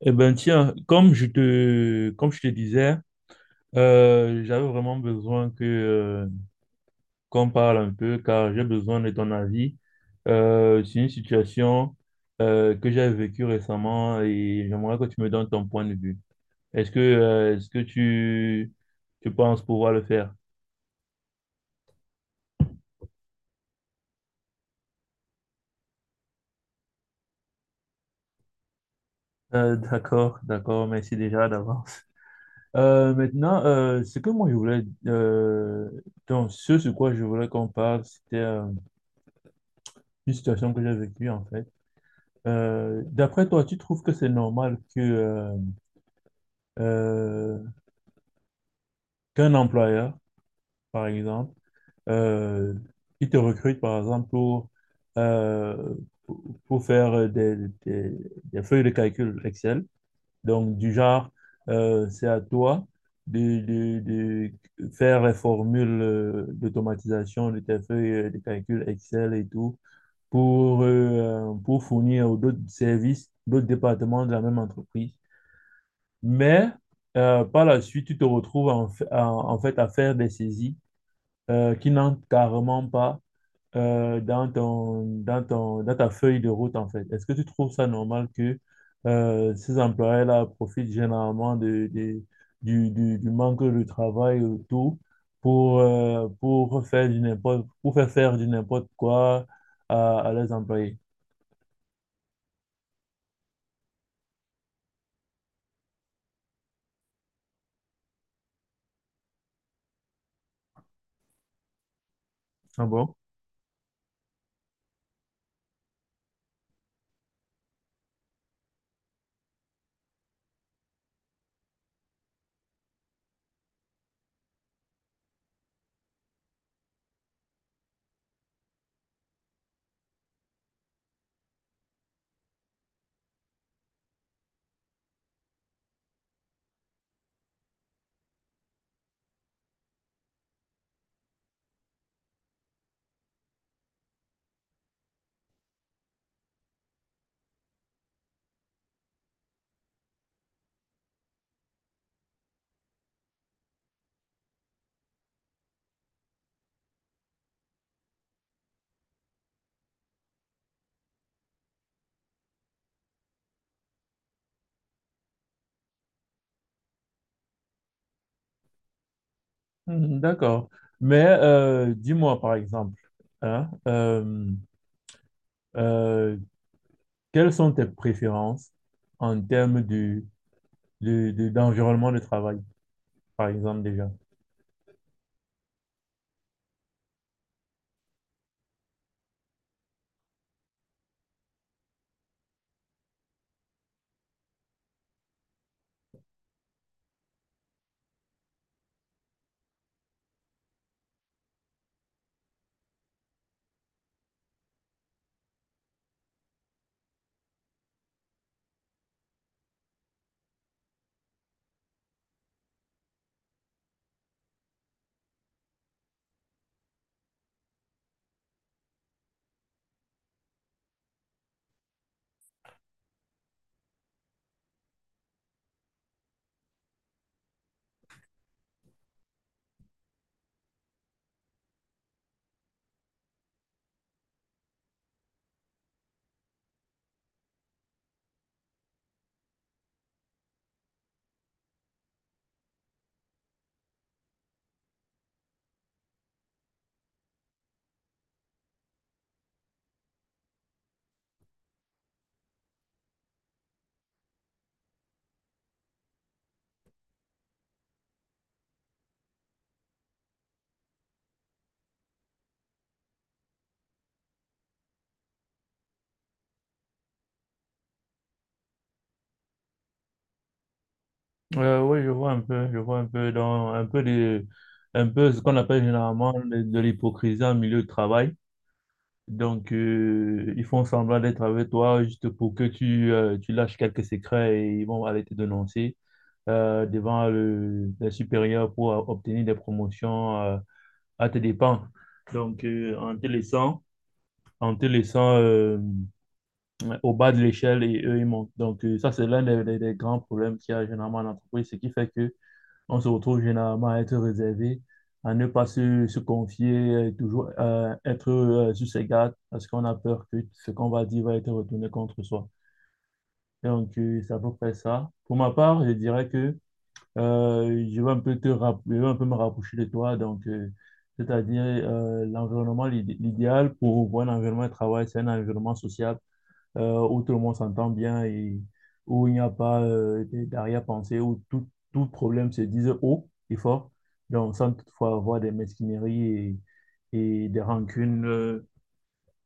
Eh ben tiens, comme je te disais, j'avais vraiment besoin que, qu'on parle un peu car j'ai besoin de ton avis. C'est une situation que j'ai vécue récemment et j'aimerais que tu me donnes ton point de vue. Est-ce que tu penses pouvoir le faire? D'accord, d'accord, merci déjà d'avance. Maintenant, ce que moi je voulais, donc ce sur quoi je voulais qu'on parle, c'était une situation que j'ai vécue en fait. D'après toi, tu trouves que c'est normal que euh, qu'un employeur, par exemple, euh, il te recrute, par exemple, euh, pour faire des, des- des feuilles de calcul Excel, donc du genre, c'est à toi de, de faire les formules d'automatisation de tes feuilles de calcul Excel et tout, pour fournir aux d'autres services, d'autres départements de la même entreprise. Mais par la suite, tu te retrouves en, en fait à faire des saisies qui n'entrent carrément pas dans ton, dans ton, dans ta feuille de route, en fait. Est-ce que tu trouves ça normal que ces employés-là profitent généralement de, du manque de travail autour pour faire du pour faire faire du n'importe quoi à leurs employés? Ah bon? Mhm, d'accord. Mais dis-moi, par exemple, hein, euh, quelles sont tes préférences en termes de, d'environnement de travail, par exemple, déjà? Oui, je vois un peu, je vois un peu dans un peu de, un peu ce qu'on appelle généralement de l'hypocrisie en milieu de travail. Donc, ils font semblant d'être avec toi juste pour que tu, tu lâches quelques secrets et ils vont aller te dénoncer devant le, les supérieurs pour obtenir des promotions à tes dépens. Donc, en te laissant au bas de l'échelle et eux, ils montent. Donc, ça, c'est l'un des, des grands problèmes qu'il y a généralement en entreprise, ce qui fait que on se retrouve généralement à être réservé, à ne pas se, se confier, toujours être sur ses gardes, parce qu'on a peur que ce qu'on va dire va être retourné contre soi. Donc, c'est à peu près ça. Pour ma part, je dirais que je vais un peu te je vais un peu me rapprocher de toi. Donc, c'est-à-dire l'environnement, l'idéal pour voir un environnement de travail, c'est un environnement social où tout le monde s'entend bien et où il n'y a pas d'arrière-pensée, où tout, tout problème se dise haut et fort. Donc, sans toutefois avoir des mesquineries et, et des rancunes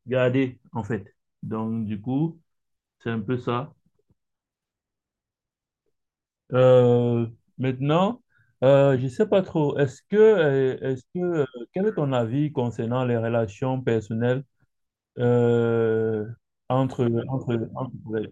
gardées, en fait. Donc, du coup, c'est un peu ça. Euh, Maintenant, je ne sais pas trop, est-ce que, quel est ton avis concernant les relations personnelles euh, entre, entre, entre-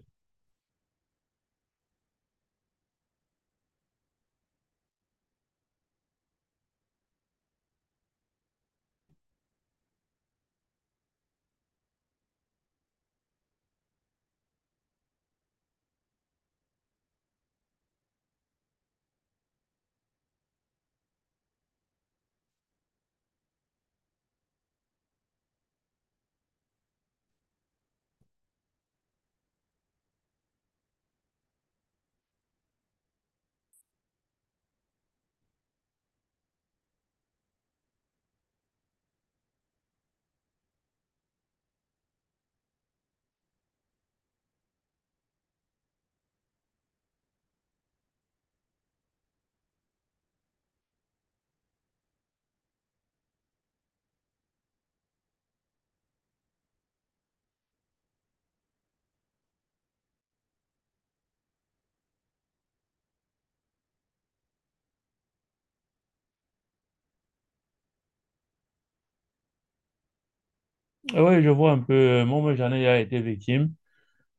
Oui, je vois un peu, moi, moi, j'en ai déjà été victime.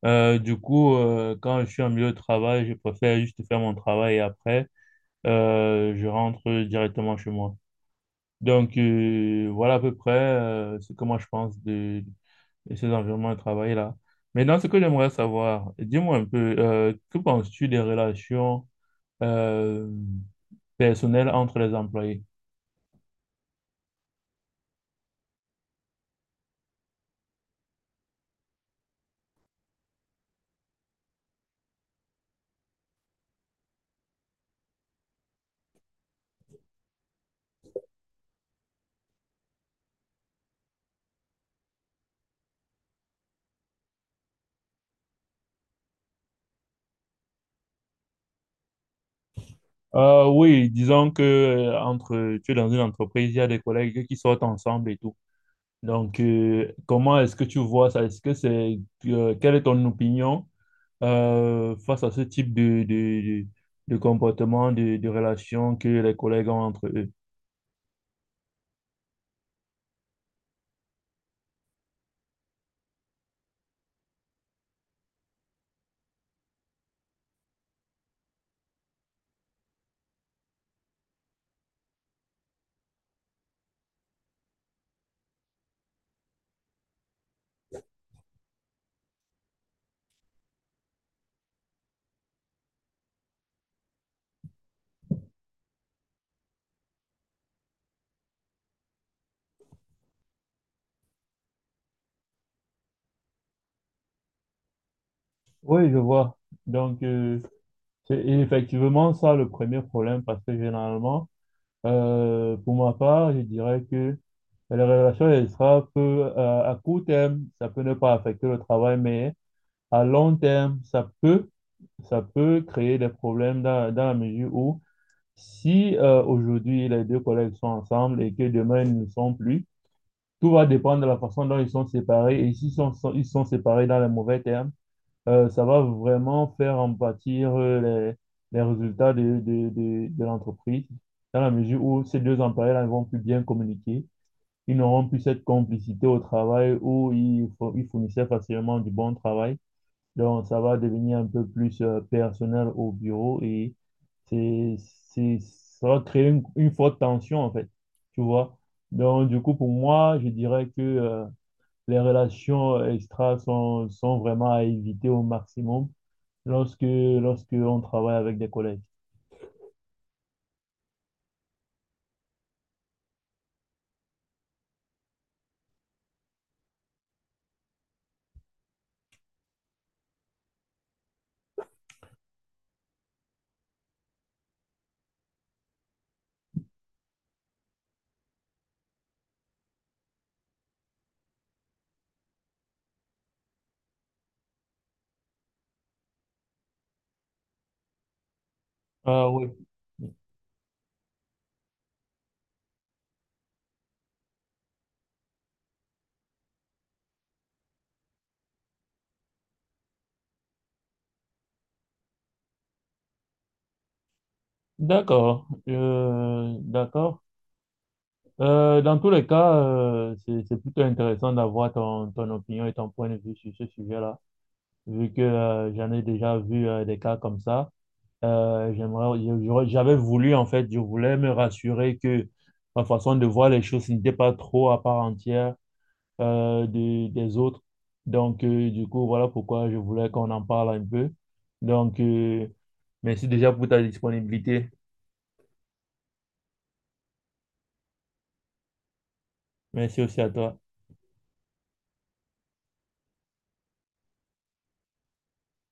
Du coup, quand je suis en milieu de travail, je préfère juste faire mon travail et après, je rentre directement chez moi. Donc, voilà à peu près ce que moi je pense de et ces environnements de travail-là. Maintenant, ce que j'aimerais savoir, dis-moi un peu, que penses-tu des relations euh, personnelles entre les employés? Oui, disons que entre, tu es dans une entreprise, il y a des collègues qui sortent ensemble et tout. Donc, comment est-ce que tu vois ça? Est-ce que c'est, quelle est ton opinion face à ce type de comportement, de relation que les collègues ont entre eux? Oui, je vois. Donc, c'est effectivement ça le premier problème parce que généralement, pour ma part, je dirais que la relation, elle sera peu, à court terme, ça peut ne pas affecter le travail, mais à long terme, ça peut créer des problèmes dans, dans la mesure où si aujourd'hui les deux collègues sont ensemble et que demain ils ne le sont plus, tout va dépendre de la façon dont ils sont séparés et s'ils ils sont séparés dans les mauvais termes ça va vraiment faire en partie les résultats de l'entreprise, dans la mesure où ces deux employés-là ne vont plus bien communiquer, ils n'auront plus cette complicité au travail où ils fournissaient facilement du bon travail. Donc, ça va devenir un peu plus personnel au bureau et c'est, c'est, ça va créer une forte tension, en fait, tu vois. Donc, du coup, pour moi, je dirais que les relations extra sont, sont vraiment à éviter au maximum lorsque, lorsque on travaille avec des collègues. Ah oui, d'accord, d'accord. Dans tous les cas, c'est plutôt intéressant d'avoir ton, ton opinion et ton point de vue sur ce sujet-là, vu que j'en ai déjà vu des cas comme ça. J'aimerais, j'avais voulu, en fait, je voulais me rassurer que ma façon de voir les choses n'était pas trop à part entière des autres. Donc, du coup, voilà pourquoi je voulais qu'on en parle un peu. Donc, merci déjà pour ta disponibilité. Merci aussi à toi.